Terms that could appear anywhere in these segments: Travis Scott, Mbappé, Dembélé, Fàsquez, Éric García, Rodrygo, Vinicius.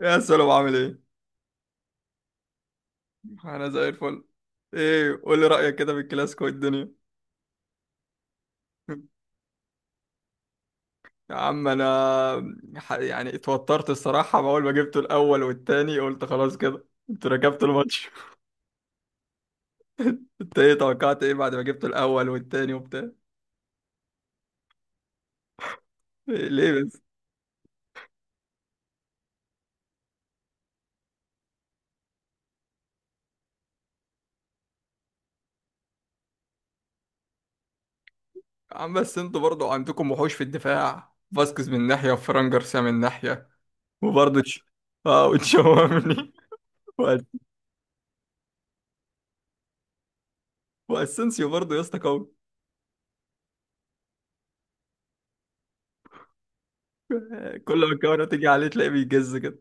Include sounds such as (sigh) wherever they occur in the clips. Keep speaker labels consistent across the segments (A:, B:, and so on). A: يا سلام، عامل ايه؟ انا زي الفل. ايه، قول لي رأيك كده في الكلاسيكو والدنيا. (laughs) يا عم انا، يعني اتوترت الصراحة. اول ما جبته الاول والتاني قلت خلاص كده. انت ركبت الماتش؟ (laughs) انت ايه، توقعت ايه بعد ما جبت الاول والتاني وبتاع؟ إيه ليه بس؟ يا عم، بس انتوا برضو عندكم وحوش في الدفاع. فاسكيز من ناحية وفران جارسيا من ناحية، وبرضو اه، وتشاوميني. (laughs) وأس- واسensيو برضو يا اسطى، قوي. كل ما الكاميرا تيجي عليه تلاقيه بيجز كده.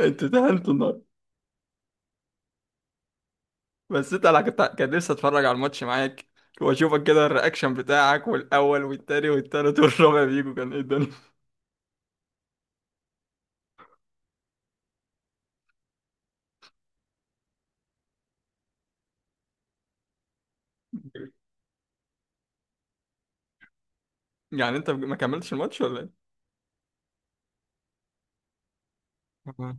A: انت تهنت النهارده. بس انا كان نفسي اتفرج على الماتش معاك، واشوفك كده، الرياكشن بتاعك والاول والتاني والتالت والرابع بيجوا كان ايه الدنيا. يعني انت ما كملتش الماتش ولا ايه؟ آه.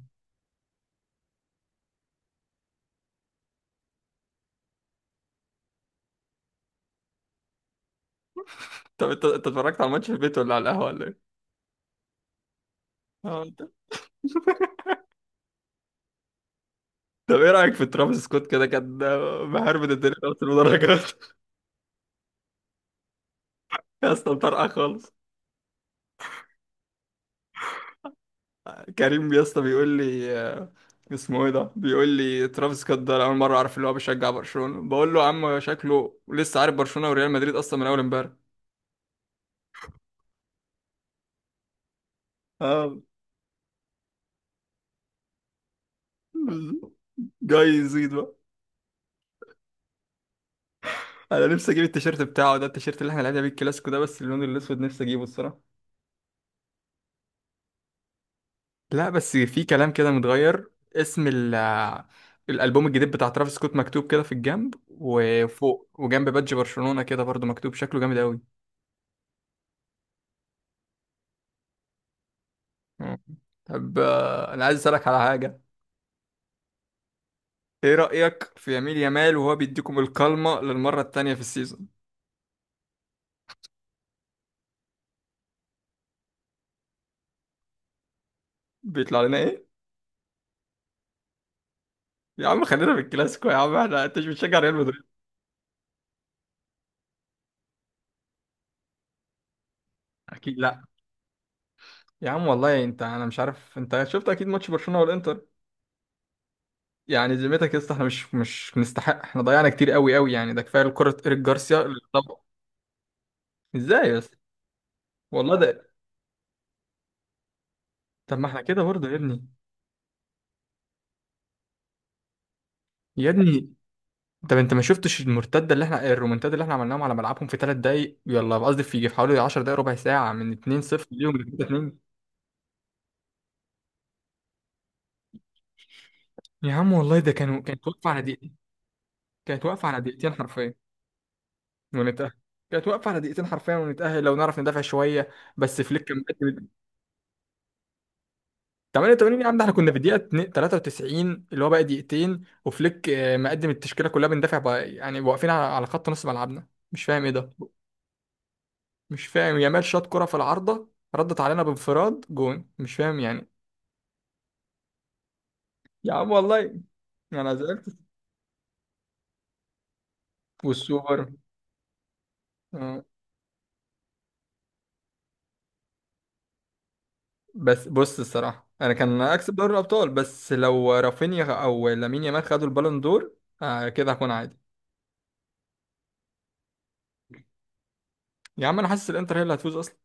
A: طب انت اتفرجت على الماتش في البيت ولا على القهوه ولا ايه؟ اه انت، طب ايه رايك في ترافيس سكوت؟ كده كان مهربد الدنيا في المدرجات. (laughs) يا اسطى، مطرقع خالص. كريم يا اسطى بيقول لي، اسمه ايه ده، بيقول لي ترافيس سكوت ده. أنا اول مره اعرف اللي هو بيشجع برشلونه، بقول له يا عم شكله لسه عارف برشلونه وريال مدريد اصلا من اول امبارح. اه، جاي يزيد بقى. انا نفسي اجيب التيشيرت بتاعه ده، التيشيرت اللي احنا لعبنا بيه الكلاسيكو ده، بس اللون الاسود نفسي اجيبه الصراحه. لا بس في كلام كده متغير. اسم الالبوم الجديد بتاع ترافيس سكوت مكتوب كده في الجنب وفوق وجنب بادج برشلونه كده، برضو مكتوب. شكله جامد قوي. مم. طب، انا عايز اسالك على حاجه. ايه رأيك في يميل يمال وهو بيديكم الكلمة للمرة التانية في السيزون؟ بيطلع لنا ايه؟ يا عم خلينا في الكلاسيكو يا عم، احنا، انت مش بتشجع ريال مدريد؟ اكيد لا. يا عم والله انا مش عارف، انت شفت اكيد ماتش برشلونة والانتر. يعني ذمتك يا اسطى، احنا مش نستحق، احنا ضيعنا كتير قوي قوي يعني. ده كفايه كرة ايريك جارسيا اللي طب... ازاي بس؟ والله ده. طب ما احنا كده برضه يا ابني. يا ابني. طب انت ما شفتش المرتده اللي احنا، الرومنتاد اللي احنا عملناهم على ملعبهم في 3 دقايق؟ يلا قصدي في حوالي 10 دقايق، ربع ساعه، من 2-0 ليهم ل 3. يا عم والله ده كانت واقفة على دقيقتين. كانت واقفة على دقيقتين حرفيا ونتأهل. كانت واقفة على دقيقتين حرفيا ونتأهل لو نعرف ندافع شوية. بس فليك كان مقدم. 88 يا عم، ده احنا كنا في دقيقة 2 93 اللي هو بقى دقيقتين. وفليك مقدم التشكيلة كلها، بندافع بقى يعني، واقفين على خط نص ملعبنا. مش فاهم ايه ده. مش فاهم، يامال شاط كرة في العارضة. ردت علينا بانفراد جون. مش فاهم يعني. يا عم والله، انا زعلت. والسوبر. آه. بس بص الصراحة، أنا كان أكسب دوري الأبطال بس لو رافينيا أو لامين يامال خدوا البالون دور. آه كده هكون عادي. يا عم أنا حاسس الإنتر هي اللي هتفوز أصلا.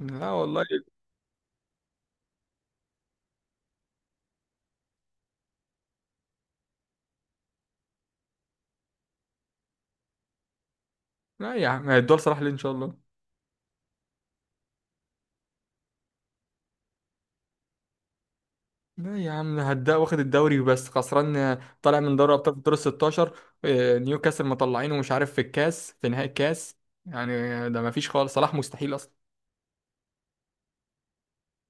A: لا والله. لا يا عم، هيدوها لصلاح ليه؟ إن شاء الله. لا يا عم، هدا واخد الدوري بس خسران. طالع من دوري الأبطال في الدور ال 16. نيوكاسل مطلعينه، مش عارف في الكاس في نهائي الكاس. يعني ده مفيش خالص، صلاح مستحيل أصلا.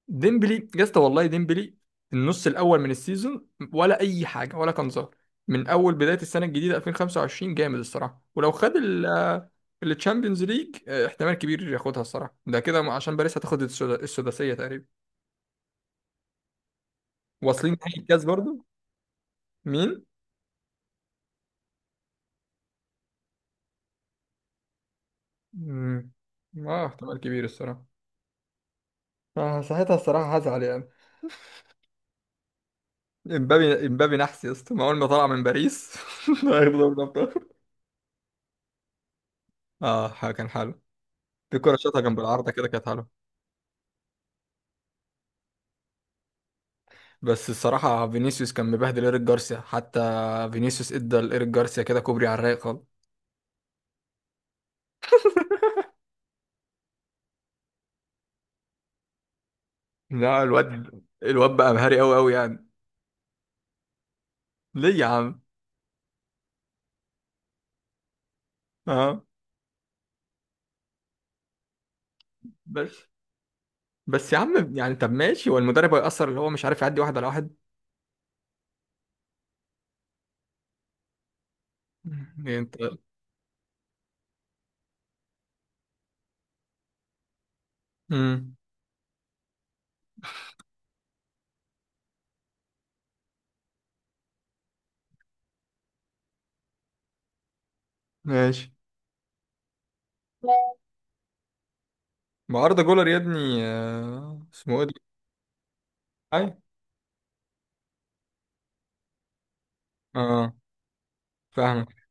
A: ديمبلي يا اسطى، والله ديمبلي. النص الاول من السيزون. ولا اي حاجه، ولا كان ظاهر. من اول بدايه السنه الجديده 2025 جامد الصراحه. ولو خد التشامبيونز ليج احتمال كبير ياخدها الصراحه، ده كده عشان باريس هتاخد السداسيه تقريبا. واصلين نهائي الكاس برضو. مين؟ مم. اه، احتمال كبير الصراحه. آه ساعتها الصراحه هزعل يعني. امبابي امبابي نحس يا اسطى، ما اول ما طلع من باريس (laughs) هياخد دوري الابطال. اه كان حلو. في كره شاطها جنب العارضه كده كانت حلوه. بس الصراحة فينيسيوس كان مبهدل إيريك جارسيا حتى. فينيسيوس ادى لإيريك جارسيا كده كوبري على الرايق خالص. لا الواد بقى مهاري أوي أوي يعني. ليه يا عم؟ اه. بس بس يا عم، يعني طب ماشي، هو المدرب هيأثر؟ اللي هو مش عارف يعدي واحد على واحد. يعني انت. امم. ماشي. ما أردا جولر يا ابني، اسمه ايه ده؟ اي. اه، فاهمك.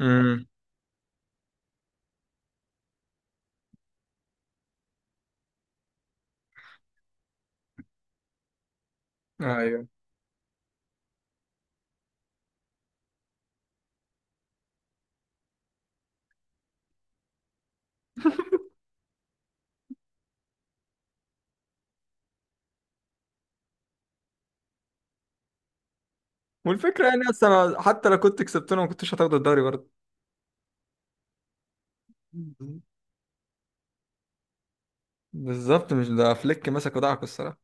A: امم. ايوه. والفكرة يعني أصلا حتى لو كنت كسبتنا ما كنتش هتاخد الدوري برضه. بالظبط، مش ده فليك مسك ودعك الصراحة.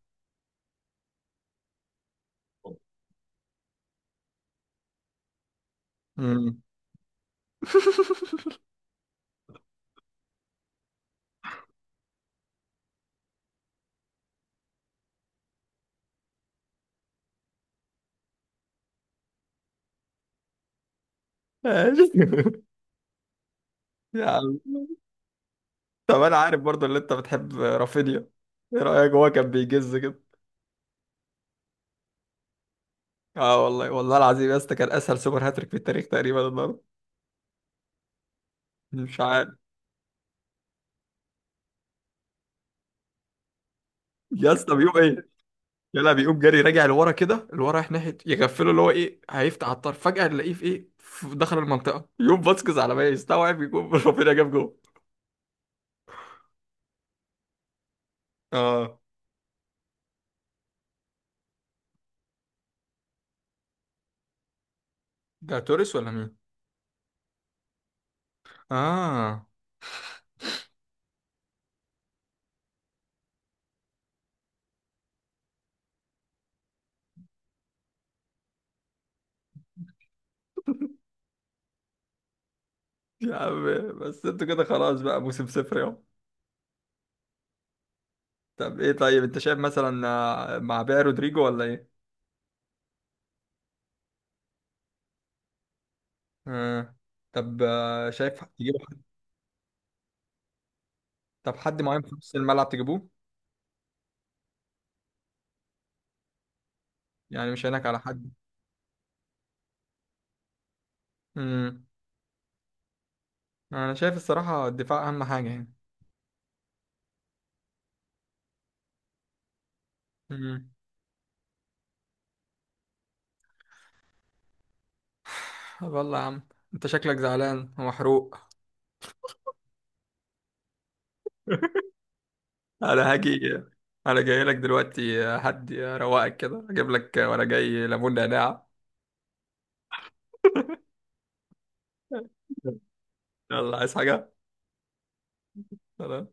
A: مم. ماشي. (laughs) يا عم. طب انا عارف برضو اللي انت بتحب، رافينيا. ايه رايك، هو كان بيجز كده؟ اه والله، والله العظيم يا اسطى، كان اسهل سوبر هاتريك في التاريخ تقريبا النهارده. مش عارف. يا اسطى بيقوم ايه؟ يلا بيقوم جري راجع لورا كده، لورا رايح ناحيه يغفله اللي هو ايه، هيفتح على الطرف. فجاه نلاقيه في ايه، في دخل المنطقه. يقوم فاسكيز على ما يستوعب يكون (laughs) رافينيا جاب جول. اه، ده توريس ولا مين؟ اه. يا عم، بس انتوا كده خلاص، بقى موسم صفر يا... طب ايه، طيب انت شايف مثلا، مع بيع رودريجو ولا ايه؟ آه. طب شايف تجيبه. طب حد معين في نص الملعب تجيبوه؟ يعني مش هناك على حد. امم. انا شايف الصراحة الدفاع اهم حاجة يعني. امم. (sighs) طب يلا يا عم. انت شكلك زعلان ومحروق. (laughs) انا هاجي. انا جاي لك دلوقتي. حد روقك كده اجيب لك. وانا جاي ليمون نعناع. (laughs) يلا، عايز حاجة؟ سلام.